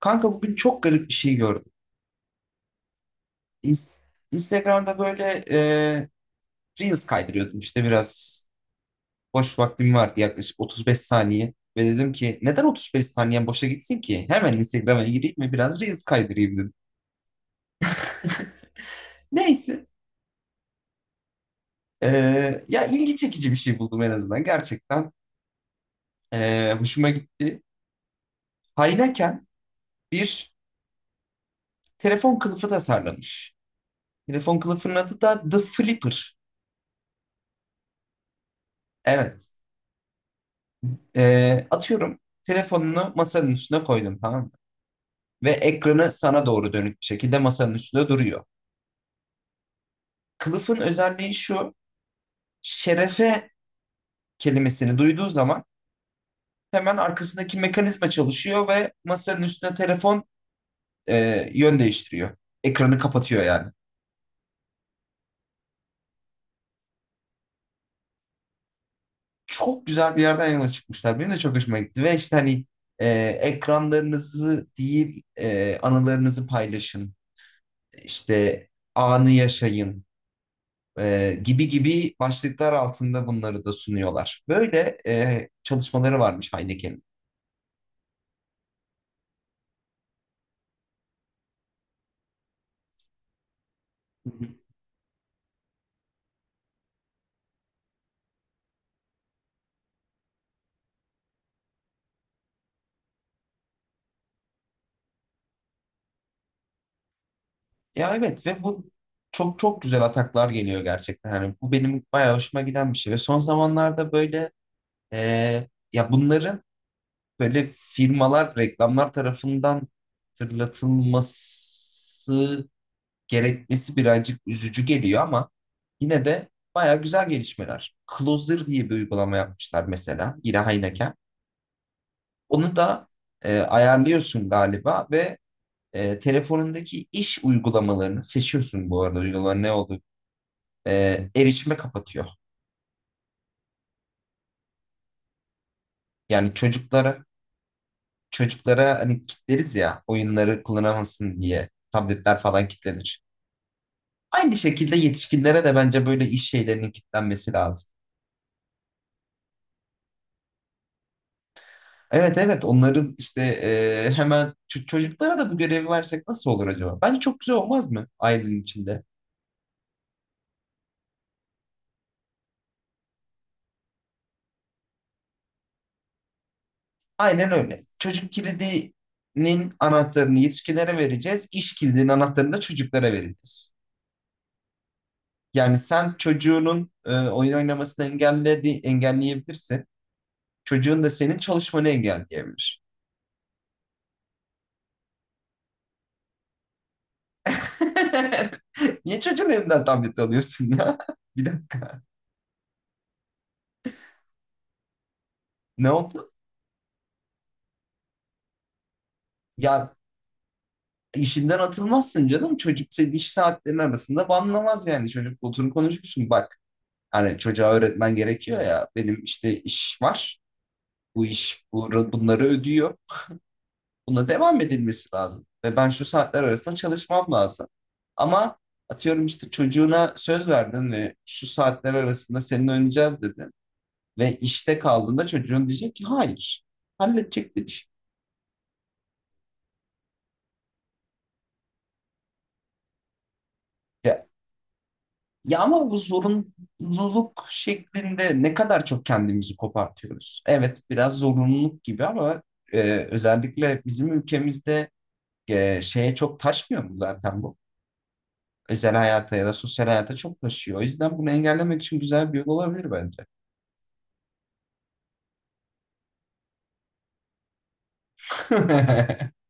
Kanka bugün çok garip bir şey gördüm. İns- Instagram'da böyle Reels kaydırıyordum işte biraz. Boş vaktim vardı, yaklaşık 35 saniye. Ve dedim ki neden 35 saniyen boşa gitsin ki? Hemen Instagram'a gireyim ve biraz Reels kaydırayım dedim. Neyse. e, Ya ilgi çekici bir şey buldum en azından. Gerçekten hoşuma gitti. Hayneken bir telefon kılıfı tasarlamış. Telefon kılıfının adı da The Flipper. Evet. Atıyorum, telefonunu masanın üstüne koydum, tamam mı? Ve ekranı sana doğru dönük bir şekilde masanın üstünde duruyor. Kılıfın özelliği şu, şerefe kelimesini duyduğu zaman hemen arkasındaki mekanizma çalışıyor ve masanın üstüne telefon yön değiştiriyor. Ekranı kapatıyor yani. Çok güzel bir yerden yola çıkmışlar. Benim de çok hoşuma gitti ve işte hani e, ekranlarınızı değil anılarınızı paylaşın. İşte anı yaşayın, gibi gibi başlıklar altında bunları da sunuyorlar. Böyle çalışmaları varmış Heineken'in. Ya evet, ve bu çok çok güzel ataklar geliyor gerçekten. Yani bu benim bayağı hoşuma giden bir şey ve son zamanlarda böyle e, ya bunların böyle firmalar, reklamlar tarafından hatırlatılması gerekmesi birazcık üzücü geliyor ama yine de bayağı güzel gelişmeler. Closer diye bir uygulama yapmışlar mesela, yine Heineken. Onu da ayarlıyorsun galiba ve telefonundaki iş uygulamalarını seçiyorsun. Bu arada uygulamalar ne oldu? Erişime kapatıyor. Yani çocuklara hani kilitleriz ya, oyunları kullanamasın diye tabletler falan kilitlenir. Aynı şekilde yetişkinlere de bence böyle iş şeylerinin kilitlenmesi lazım. Evet evet, onların işte hemen çocuklara da bu görevi versek nasıl olur acaba? Bence çok güzel olmaz mı ailenin içinde? Aynen öyle. Çocuk kilidinin anahtarını yetişkinlere vereceğiz. İş kilidinin anahtarını da çocuklara vereceğiz. Yani sen çocuğunun oyun oynamasını engelledi, engelleyebilirsin. Çocuğun da senin çalışmanı engelleyebilir. Niye çocuğun elinden tablet alıyorsun ya? Bir dakika. Ne oldu? Ya işinden atılmazsın canım. Çocuk senin iş saatlerinin arasında banlamaz yani. Çocuk oturun konuşursun. Bak hani çocuğa öğretmen gerekiyor ya. Benim işte iş var. Bu iş bunları ödüyor. Buna devam edilmesi lazım. Ve ben şu saatler arasında çalışmam lazım. Ama atıyorum işte çocuğuna söz verdin ve şu saatler arasında seninle oynayacağız dedin. Ve işte kaldığında çocuğun diyecek ki hayır. Halledecek demiş. Ya, ya ama bu zorunluluk şeklinde ne kadar çok kendimizi kopartıyoruz. Evet biraz zorunluluk gibi ama e, özellikle bizim ülkemizde şeye çok taşmıyor mu zaten bu? Özel hayata ya da sosyal hayata çok taşıyor. O yüzden bunu engellemek için güzel bir yol olabilir bence.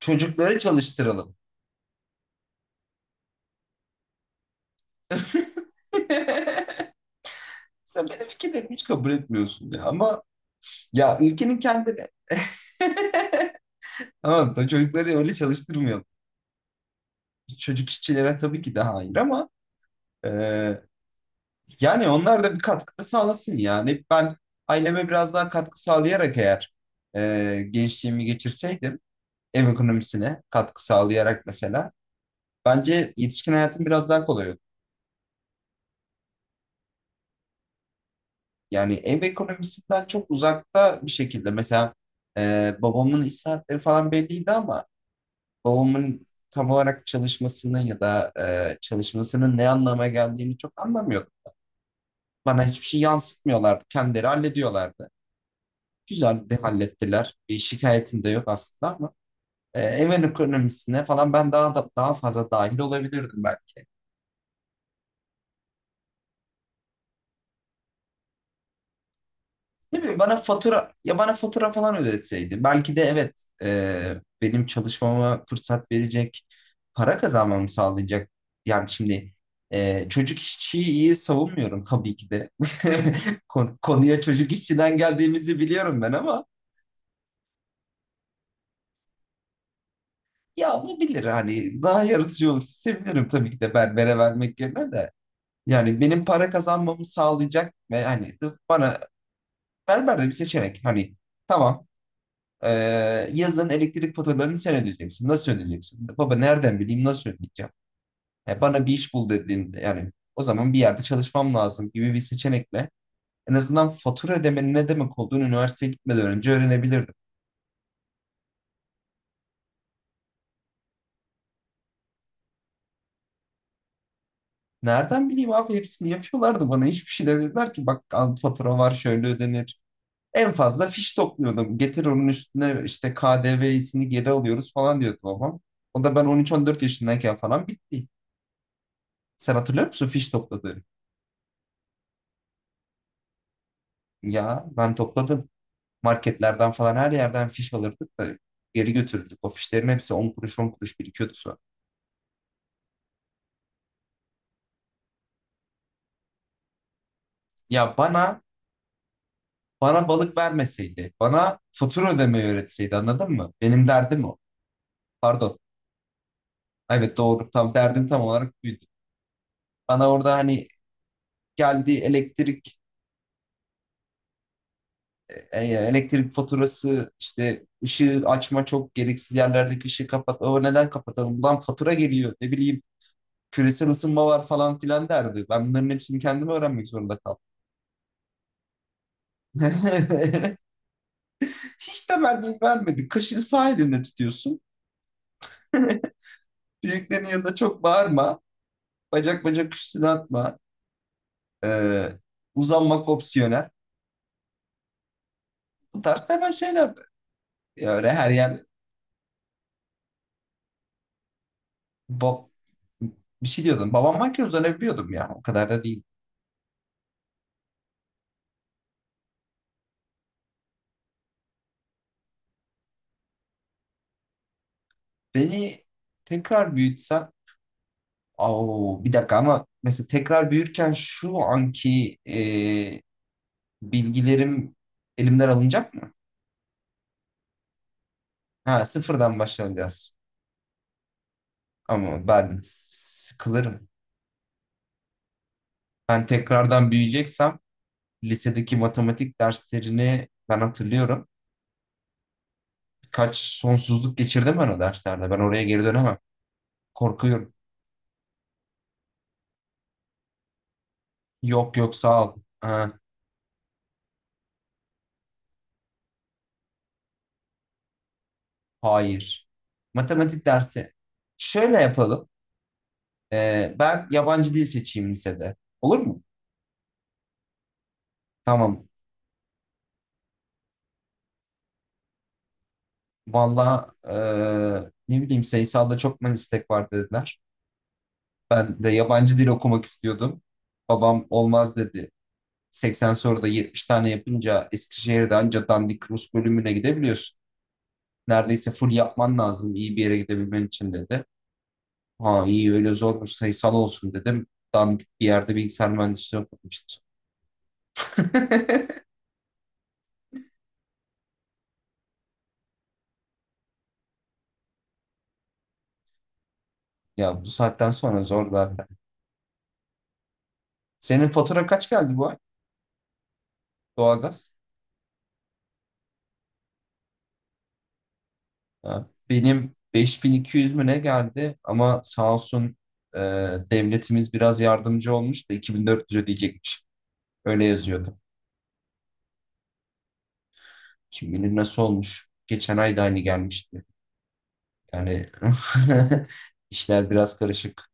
Çocukları çalıştıralım. Sen benim fikirlerimi hiç kabul etmiyorsun ya, ama ya ülkenin kendine Tamam da çocukları öyle çalıştırmayalım. Çocuk işçilere tabii ki de hayır ama e, yani onlar da bir katkı sağlasın yani. Ben aileme biraz daha katkı sağlayarak eğer gençliğimi geçirseydim, ev ekonomisine katkı sağlayarak mesela. Bence yetişkin hayatın biraz daha kolay. Yani ev ekonomisinden çok uzakta bir şekilde. Mesela babamın iş saatleri falan belliydi ama babamın tam olarak çalışmasını ya da çalışmasının ne anlama geldiğini çok anlamıyordum. Bana hiçbir şey yansıtmıyorlardı. Kendileri hallediyorlardı. Güzel de hallettiler. Bir şikayetim de yok aslında ama ev ekonomisine falan ben daha fazla dahil olabilirdim belki. Ne bileyim, bana fatura falan ödetseydi belki de, evet, benim çalışmama fırsat verecek, para kazanmamı sağlayacak. Yani şimdi çocuk işçiyi iyi savunmuyorum tabii ki de. Konuya çocuk işçiden geldiğimizi biliyorum ben ama ya, olabilir hani. Daha yaratıcı olursa sevinirim tabii ki de. Berbere vermek yerine de, yani benim para kazanmamı sağlayacak ve hani, bana berber de bir seçenek hani, tamam. Ee, yazın elektrik faturalarını sen ödeyeceksin. Nasıl ödeyeceksin? Baba, nereden bileyim nasıl ödeyeceğim? Ya bana bir iş bul dediğinde, yani o zaman bir yerde çalışmam lazım gibi bir seçenekle en azından fatura ödemenin ne demek olduğunu üniversiteye gitmeden önce öğrenebilirdim. Nereden bileyim abi, hepsini yapıyorlardı. Bana hiçbir şey demediler ki, bak al, fatura var, şöyle ödenir. En fazla fiş topluyordum. Getir, onun üstüne işte K D V'sini geri alıyoruz falan diyordu babam. O da ben 13-14 yaşındayken falan bitti. Sen hatırlıyor musun fiş topladığını? Ya ben topladım. Marketlerden falan, her yerden fiş alırdık da geri götürdük. O fişlerin hepsi 10 kuruş 10 kuruş birikiyordu sonra. Ya bana balık vermeseydi, bana fatura ödemeyi öğretseydi, anladın mı? Benim derdim o. Pardon. Evet doğru, tam derdim tam olarak buydu. Bana orada hani geldi elektrik elektrik faturası, işte ışığı açma, çok gereksiz yerlerdeki ışığı kapat. O neden kapatalım? Lan fatura geliyor, ne bileyim küresel ısınma var falan filan derdi. Ben bunların hepsini kendim öğrenmek zorunda kaldım. Hiç de temenni vermedi. Kaşığı sağ elinle tutuyorsun. Büyüklerin yanında çok bağırma. Bacak bacak üstüne atma. Ee, uzanmak opsiyonel. Bu tarz hemen şeyler. Ya öyle her yer Bab, bir şey diyordum. Babam varken uzanabiliyordum ya. O kadar da değil. Beni tekrar büyütsen, oo, bir dakika, ama mesela tekrar büyürken şu anki bilgilerim elimden alınacak mı? Ha, sıfırdan başlayacağız. Ama ben sıkılırım. Ben tekrardan büyüyeceksem lisedeki matematik derslerini ben hatırlıyorum. Birkaç sonsuzluk geçirdim ben o derslerde. Ben oraya geri dönemem. Korkuyorum. Yok yok, sağ ol. Ha, hayır. Matematik dersi. Şöyle yapalım. Ben yabancı dil seçeyim lisede. Olur mu? Tamam. Valla, ne bileyim, sayısalda çok meslek var dediler. Ben de yabancı dil okumak istiyordum. Babam olmaz dedi. 80 soruda 70 tane yapınca Eskişehir'de anca dandik Rus bölümüne gidebiliyorsun. Neredeyse full yapman lazım iyi bir yere gidebilmen için dedi. Ha iyi, öyle zormuş, sayısal olsun dedim. Dandik bir yerde bilgisayar mühendisliği okumuştum. Ya bu saatten sonra zor zaten. Senin fatura kaç geldi bu ay? Doğalgaz. Ha, benim 5200 mü ne geldi ama sağ olsun e, devletimiz biraz yardımcı olmuş da 2400 ödeyecekmiş. Öyle yazıyordu. Kim bilir nasıl olmuş. Geçen ay da aynı gelmişti. Yani işler biraz karışık.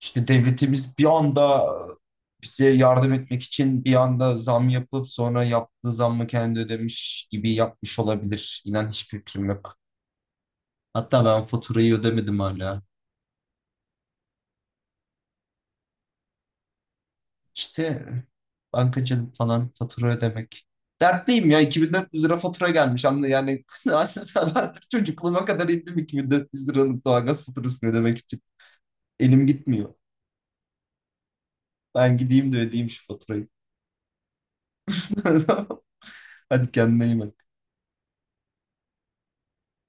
İşte devletimiz bir anda bize yardım etmek için bir anda zam yapıp sonra yaptığı zammı kendi ödemiş gibi yapmış olabilir. İnan hiçbir fikrim yok. Hatta ben faturayı ödemedim hala. İşte bankacılık falan, fatura ödemek. Dertliyim ya, 2400 lira fatura gelmiş. Anla yani. Aslında çocukluğuma kadar indim 2400 liralık doğalgaz faturasını ödemek için. Elim gitmiyor. Ben gideyim de ödeyeyim şu faturayı. Hadi kendine iyi bak.